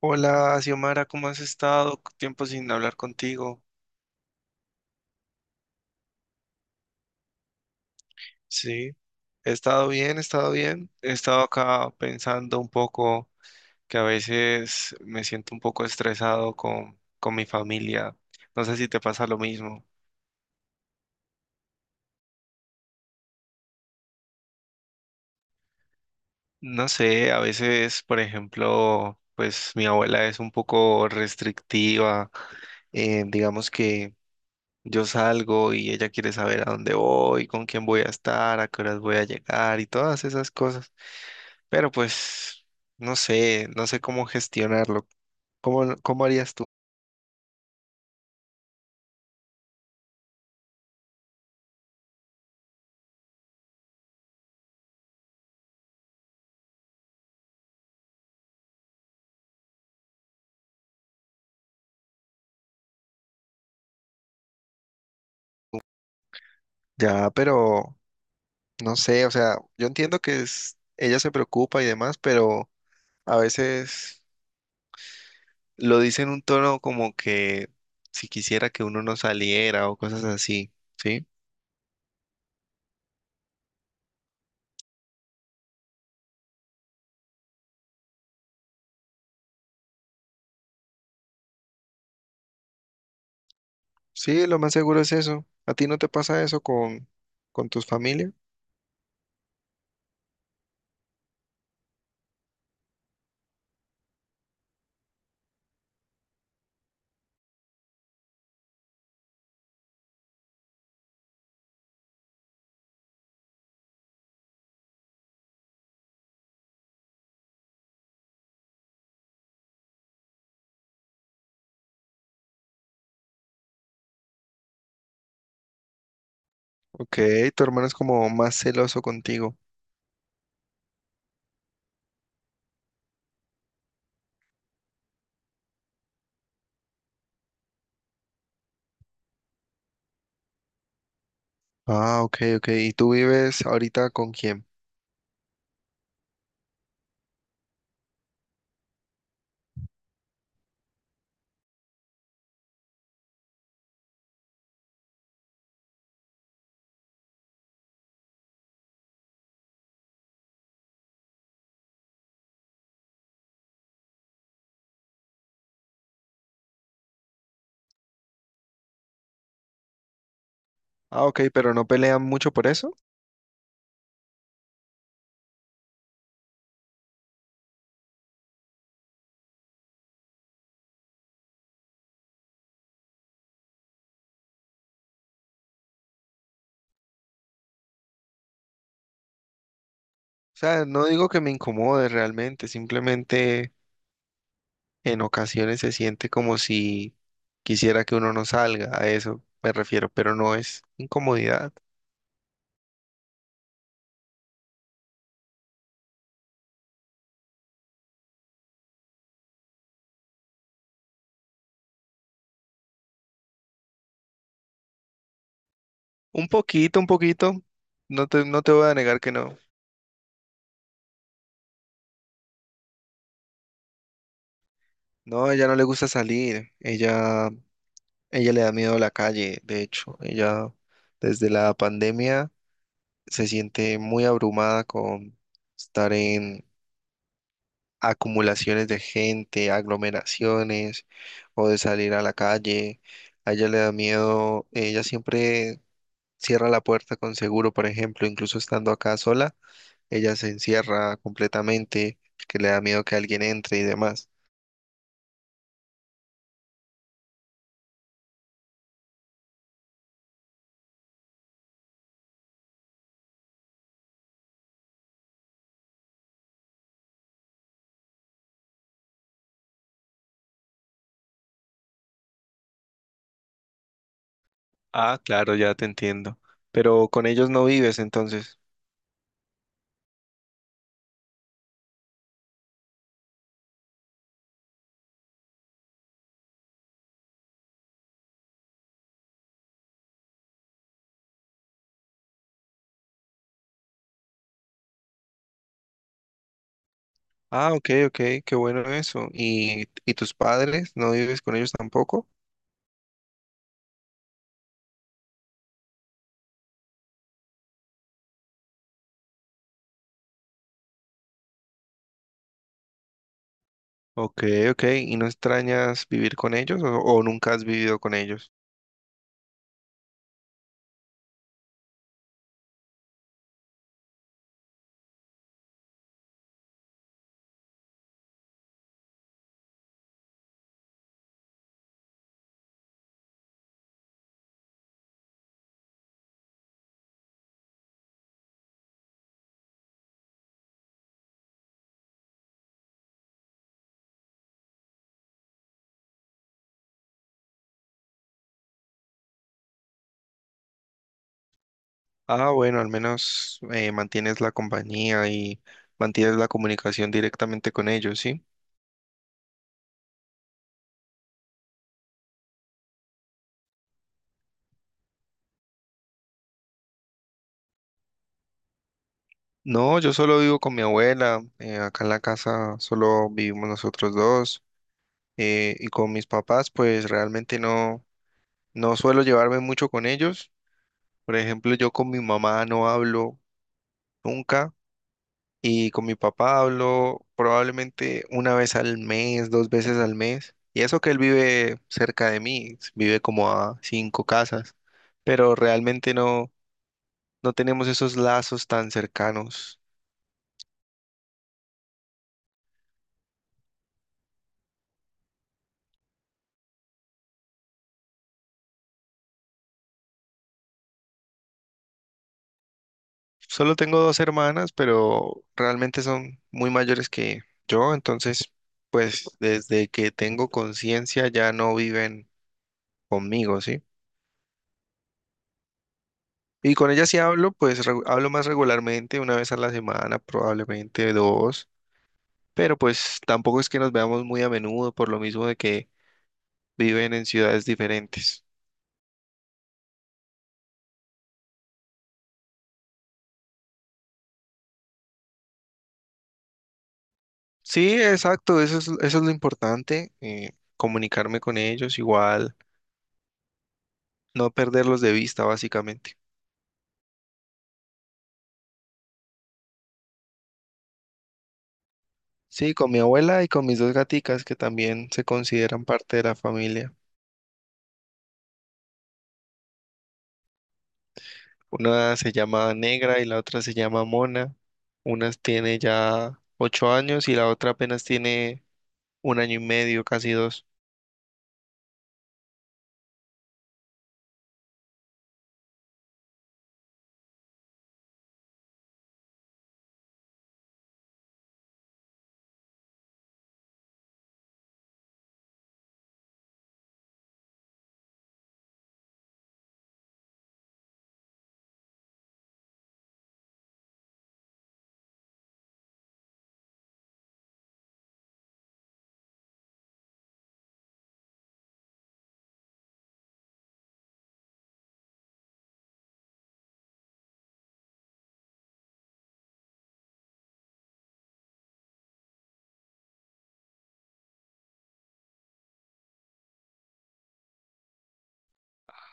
Hola, Xiomara, ¿cómo has estado? Tiempo sin hablar contigo. Sí, he estado bien, he estado bien. He estado acá pensando un poco que a veces me siento un poco estresado con mi familia. No sé si te pasa lo mismo. No sé, a veces, por ejemplo, pues mi abuela es un poco restrictiva. Digamos que yo salgo y ella quiere saber a dónde voy, con quién voy a estar, a qué horas voy a llegar y todas esas cosas. Pero pues, no sé, no sé cómo gestionarlo. ¿Cómo harías tú? Ya, pero no sé, o sea, yo entiendo que es, ella se preocupa y demás, pero a veces lo dice en un tono como que si quisiera que uno no saliera o cosas así, ¿sí? Sí, lo más seguro es eso. ¿A ti no te pasa eso con tus familias? Ok, tu hermano es como más celoso contigo. Ah, ok, ok. ¿Y tú vives ahorita con quién? Ah, ok, pero no pelean mucho por eso. O sea, no digo que me incomode realmente, simplemente en ocasiones se siente como si quisiera que uno no salga, a eso me refiero, pero no es incomodidad. Un poquito, no te voy a negar que no. No, a ella no le gusta salir, ella le da miedo a la calle, de hecho, ella desde la pandemia se siente muy abrumada con estar acumulaciones de gente, aglomeraciones o de salir a la calle. A ella le da miedo, ella siempre cierra la puerta con seguro, por ejemplo, incluso estando acá sola, ella se encierra completamente, que le da miedo que alguien entre y demás. Ah, claro, ya te entiendo. Pero con ellos no vives entonces. Ah, ok, ok, qué bueno eso. ¿Y tus padres? ¿No vives con ellos tampoco? Ok, ok. ¿Y no extrañas vivir con ellos o nunca has vivido con ellos? Ah, bueno, al menos mantienes la compañía y mantienes la comunicación directamente con ellos, ¿sí? No, yo solo vivo con mi abuela, acá en la casa solo vivimos nosotros dos y con mis papás pues realmente no, no suelo llevarme mucho con ellos. Por ejemplo, yo con mi mamá no hablo nunca. Y con mi papá hablo probablemente una vez al mes, dos veces al mes. Y eso que él vive cerca de mí, vive como a cinco casas, pero realmente no, no tenemos esos lazos tan cercanos. Solo tengo dos hermanas, pero realmente son muy mayores que yo, entonces, pues desde que tengo conciencia ya no viven conmigo, ¿sí? Y con ellas sí hablo, pues hablo más regularmente, una vez a la semana, probablemente dos, pero pues tampoco es que nos veamos muy a menudo por lo mismo de que viven en ciudades diferentes. Sí, exacto, eso es lo importante, comunicarme con ellos igual, no perderlos de vista básicamente. Sí, con mi abuela y con mis dos gaticas que también se consideran parte de la familia. Una se llama Negra y la otra se llama Mona. Una tiene ya 8 años y la otra apenas tiene 1 año y medio, casi dos.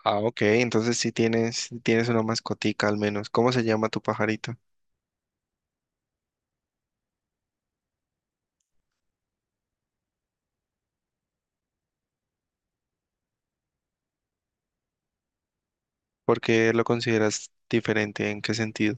Ah, ok, entonces sí tienes una mascotica al menos. ¿Cómo se llama tu pajarito? ¿Por qué lo consideras diferente? ¿En qué sentido?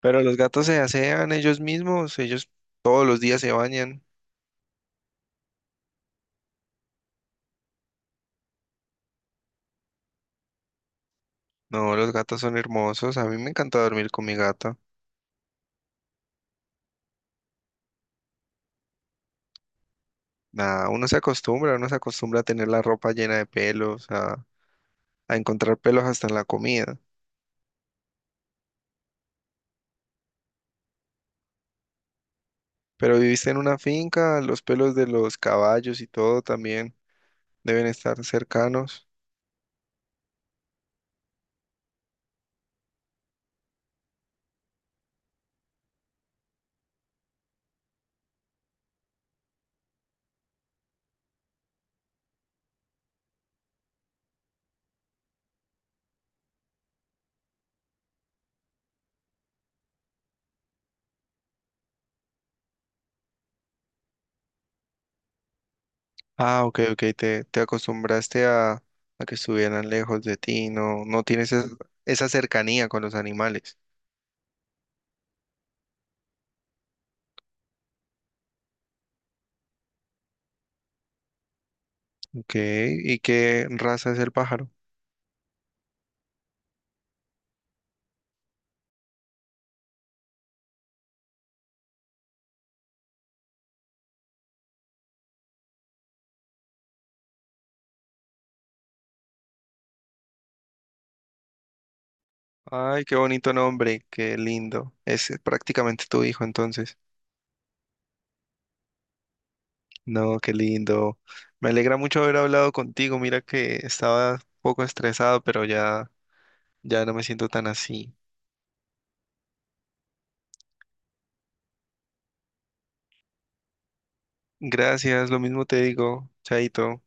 Pero los gatos se asean ellos mismos, ellos todos los días se bañan. No, los gatos son hermosos. A mí me encanta dormir con mi gato. Nada, uno se acostumbra a tener la ropa llena de pelos, a encontrar pelos hasta en la comida. Pero viviste en una finca, los pelos de los caballos y todo también deben estar cercanos. Ah, ok, ok, te acostumbraste a que estuvieran lejos de ti, no, no tienes esa cercanía con los animales. Ok, ¿y qué raza es el pájaro? Ay, qué bonito nombre, qué lindo. Es prácticamente tu hijo entonces. No, qué lindo. Me alegra mucho haber hablado contigo. Mira que estaba un poco estresado, pero ya no me siento tan así. Gracias, lo mismo te digo, Chaito.